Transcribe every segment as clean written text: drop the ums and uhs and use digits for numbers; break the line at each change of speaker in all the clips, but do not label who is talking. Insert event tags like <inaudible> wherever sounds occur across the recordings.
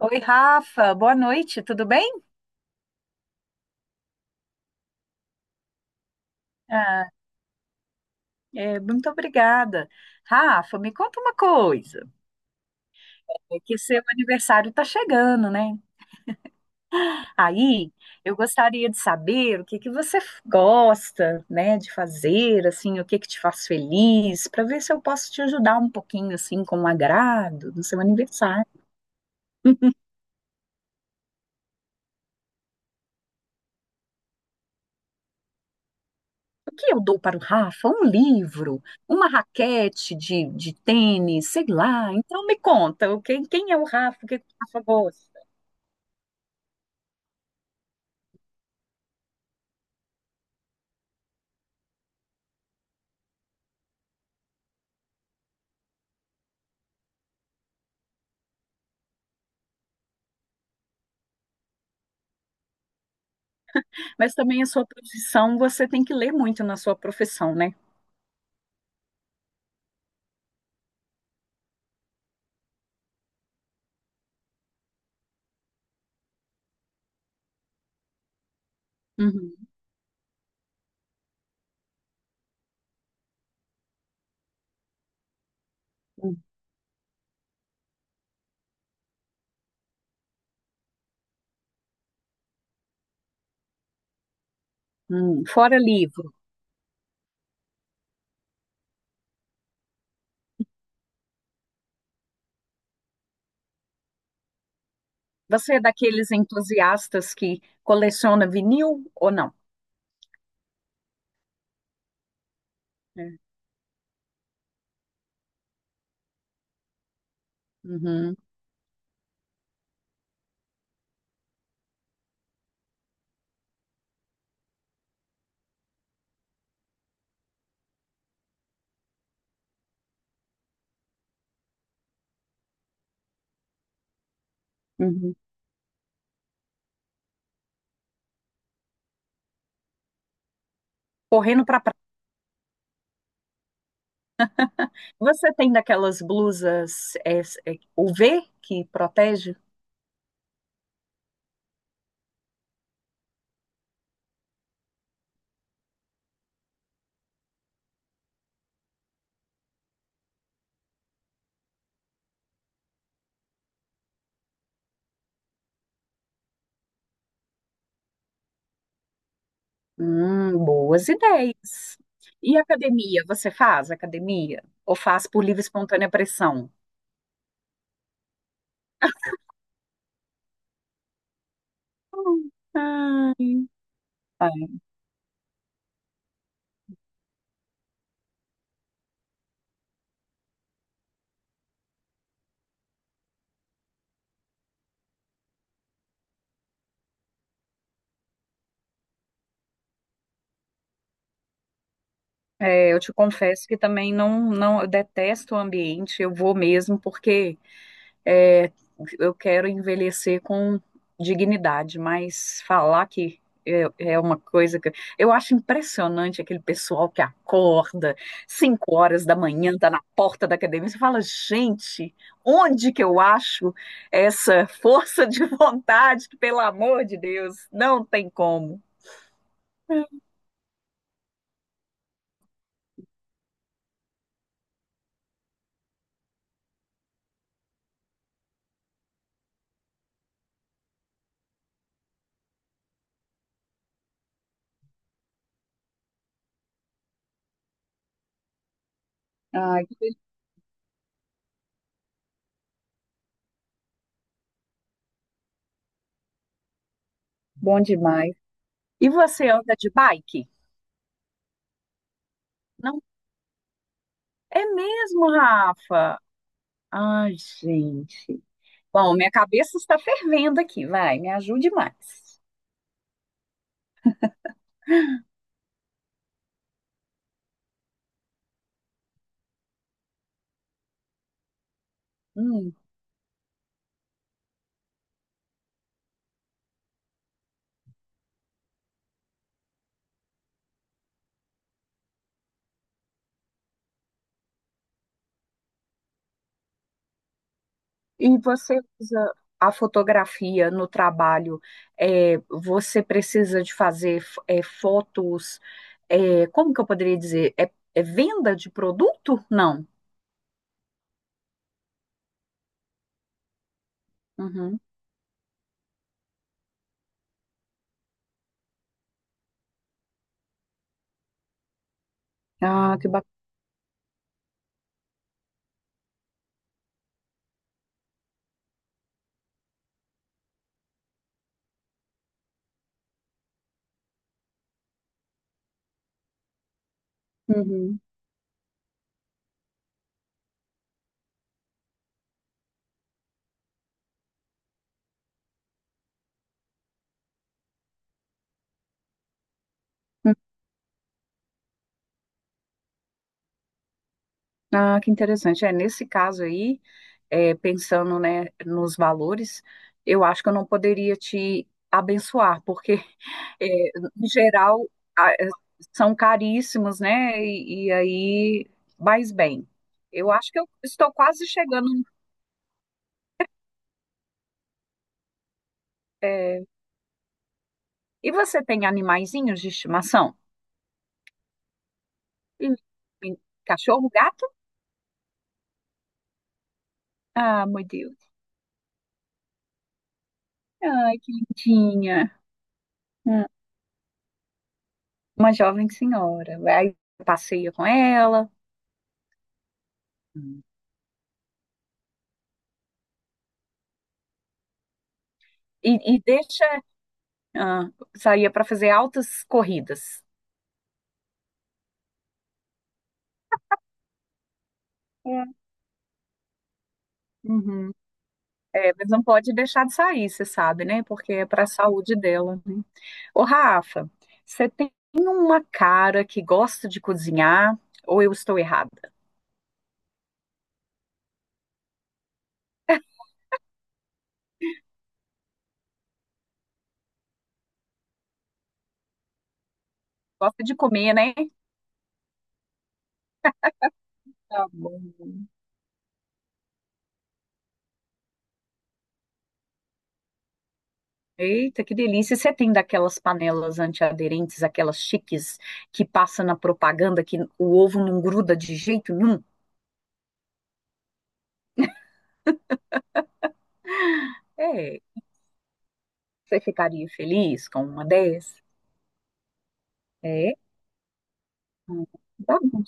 Oi, Rafa, boa noite, tudo bem? Ah, é, muito obrigada. Rafa, me conta uma coisa, é que seu aniversário está chegando, né? Aí, eu gostaria de saber o que que você gosta, né, de fazer, assim, o que que te faz feliz, para ver se eu posso te ajudar um pouquinho, assim, com um agrado no seu aniversário. O que eu dou para o Rafa? Um livro, uma raquete de tênis, sei lá. Então, me conta, quem é o Rafa, o que que o Rafa gosta? Mas também a sua profissão, você tem que ler muito na sua profissão, né? Uhum, uhum. Fora livro, você é daqueles entusiastas que coleciona vinil ou não? É. Uhum, uhum. Correndo para praia. Você tem daquelas blusas UV que protege? Boas ideias. E academia? Você faz academia? Ou faz por livre e espontânea pressão? Hum, ai. É, eu te confesso que também não, não, eu detesto o ambiente, eu vou mesmo porque é, eu quero envelhecer com dignidade, mas falar que é, é uma coisa que eu acho impressionante aquele pessoal que acorda 5 horas da manhã, tá na porta da academia, você fala, gente, onde que eu acho essa força de vontade que, pelo amor de Deus, não tem como. Ai, que bom demais. E você anda de bike? Não. É mesmo, Rafa? Ai, gente. Bom, minha cabeça está fervendo aqui, vai, me ajude mais. Hum. E você usa a fotografia no trabalho? É, você precisa de fazer é, fotos, é, como que eu poderia dizer? É, é venda de produto? Não. Uhum. Ah, que bacana. Ah, que interessante. É, nesse caso aí. É, pensando, né, nos valores, eu acho que eu não poderia te abençoar, porque, <laughs> é, em geral, é, são caríssimos, né? E aí, mas bem, eu acho que eu estou quase chegando. É, e você tem animaizinhos de estimação? E- e Cachorro, gato? Ah, meu Deus. Ai, que lindinha. Hum. Uma jovem senhora. Aí passeia com ela. Hum. E deixa Ah, saía para fazer altas corridas. É. Uhum. É, mas não pode deixar de sair, você sabe, né? Porque é para a saúde dela, né? Ô, Rafa, você tem uma cara que gosta de cozinhar ou eu estou errada? Gosta de comer, né? Tá bom. Eita, que delícia! E você tem daquelas panelas antiaderentes, aquelas chiques que passa na propaganda que o ovo não gruda de jeito nenhum? É, você ficaria feliz com uma dessas? É, hum, tá bom.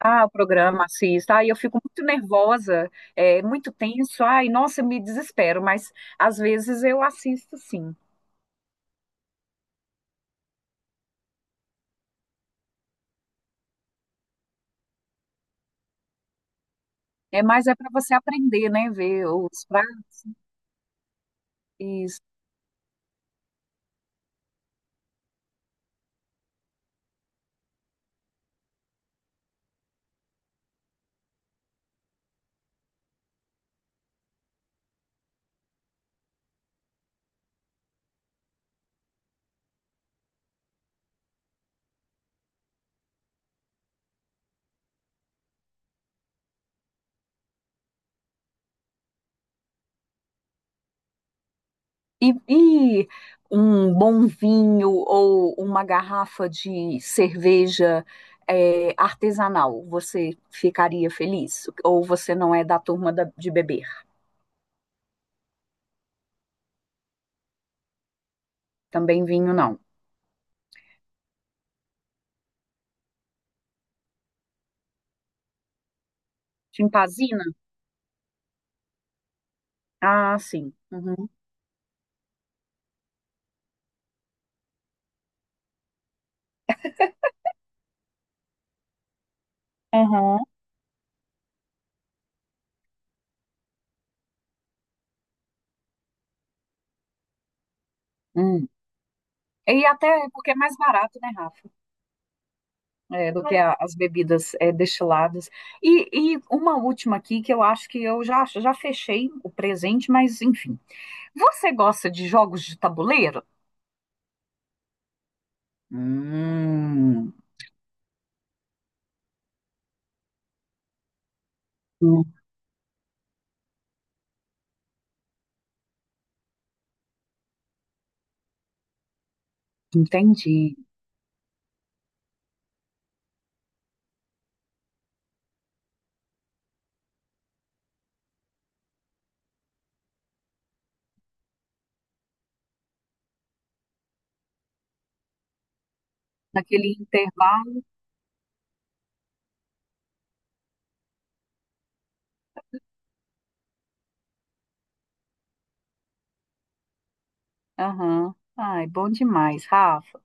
Ah, o programa assista. Ai, eu fico muito nervosa, é muito tenso. Ai, nossa, eu me desespero, mas às vezes eu assisto sim. É, mas é para você aprender, né? Ver os pratos. Isso. e, e Um bom vinho ou uma garrafa de cerveja é, artesanal. Você ficaria feliz? Ou você não é da turma de beber? Também vinho não. Chimpazina? Ah, sim. Uhum. Aham. E até porque é mais barato, né, Rafa? É, do que as bebidas é, destiladas. E uma última aqui que eu acho que eu já, já fechei o presente, mas enfim. Você gosta de jogos de tabuleiro? Hum. Hum. Entendi. Naquele intervalo. Aham. Ai, bom demais, Rafa.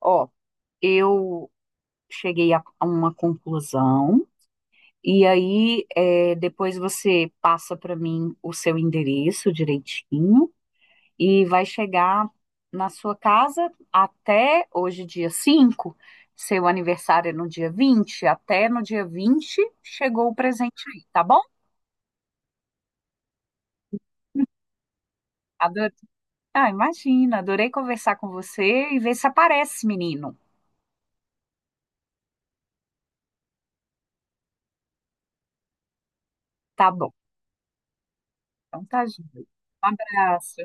Ó, eu cheguei a uma conclusão. E aí, é, depois você passa para mim o seu endereço direitinho. E vai chegar na sua casa até hoje, dia 5. Seu aniversário é no dia 20, até no dia 20 chegou o presente aí, tá bom? Adorei. Ah, imagina, adorei conversar com você e ver se aparece, menino. Tá bom. Então tá, gente. Um abraço.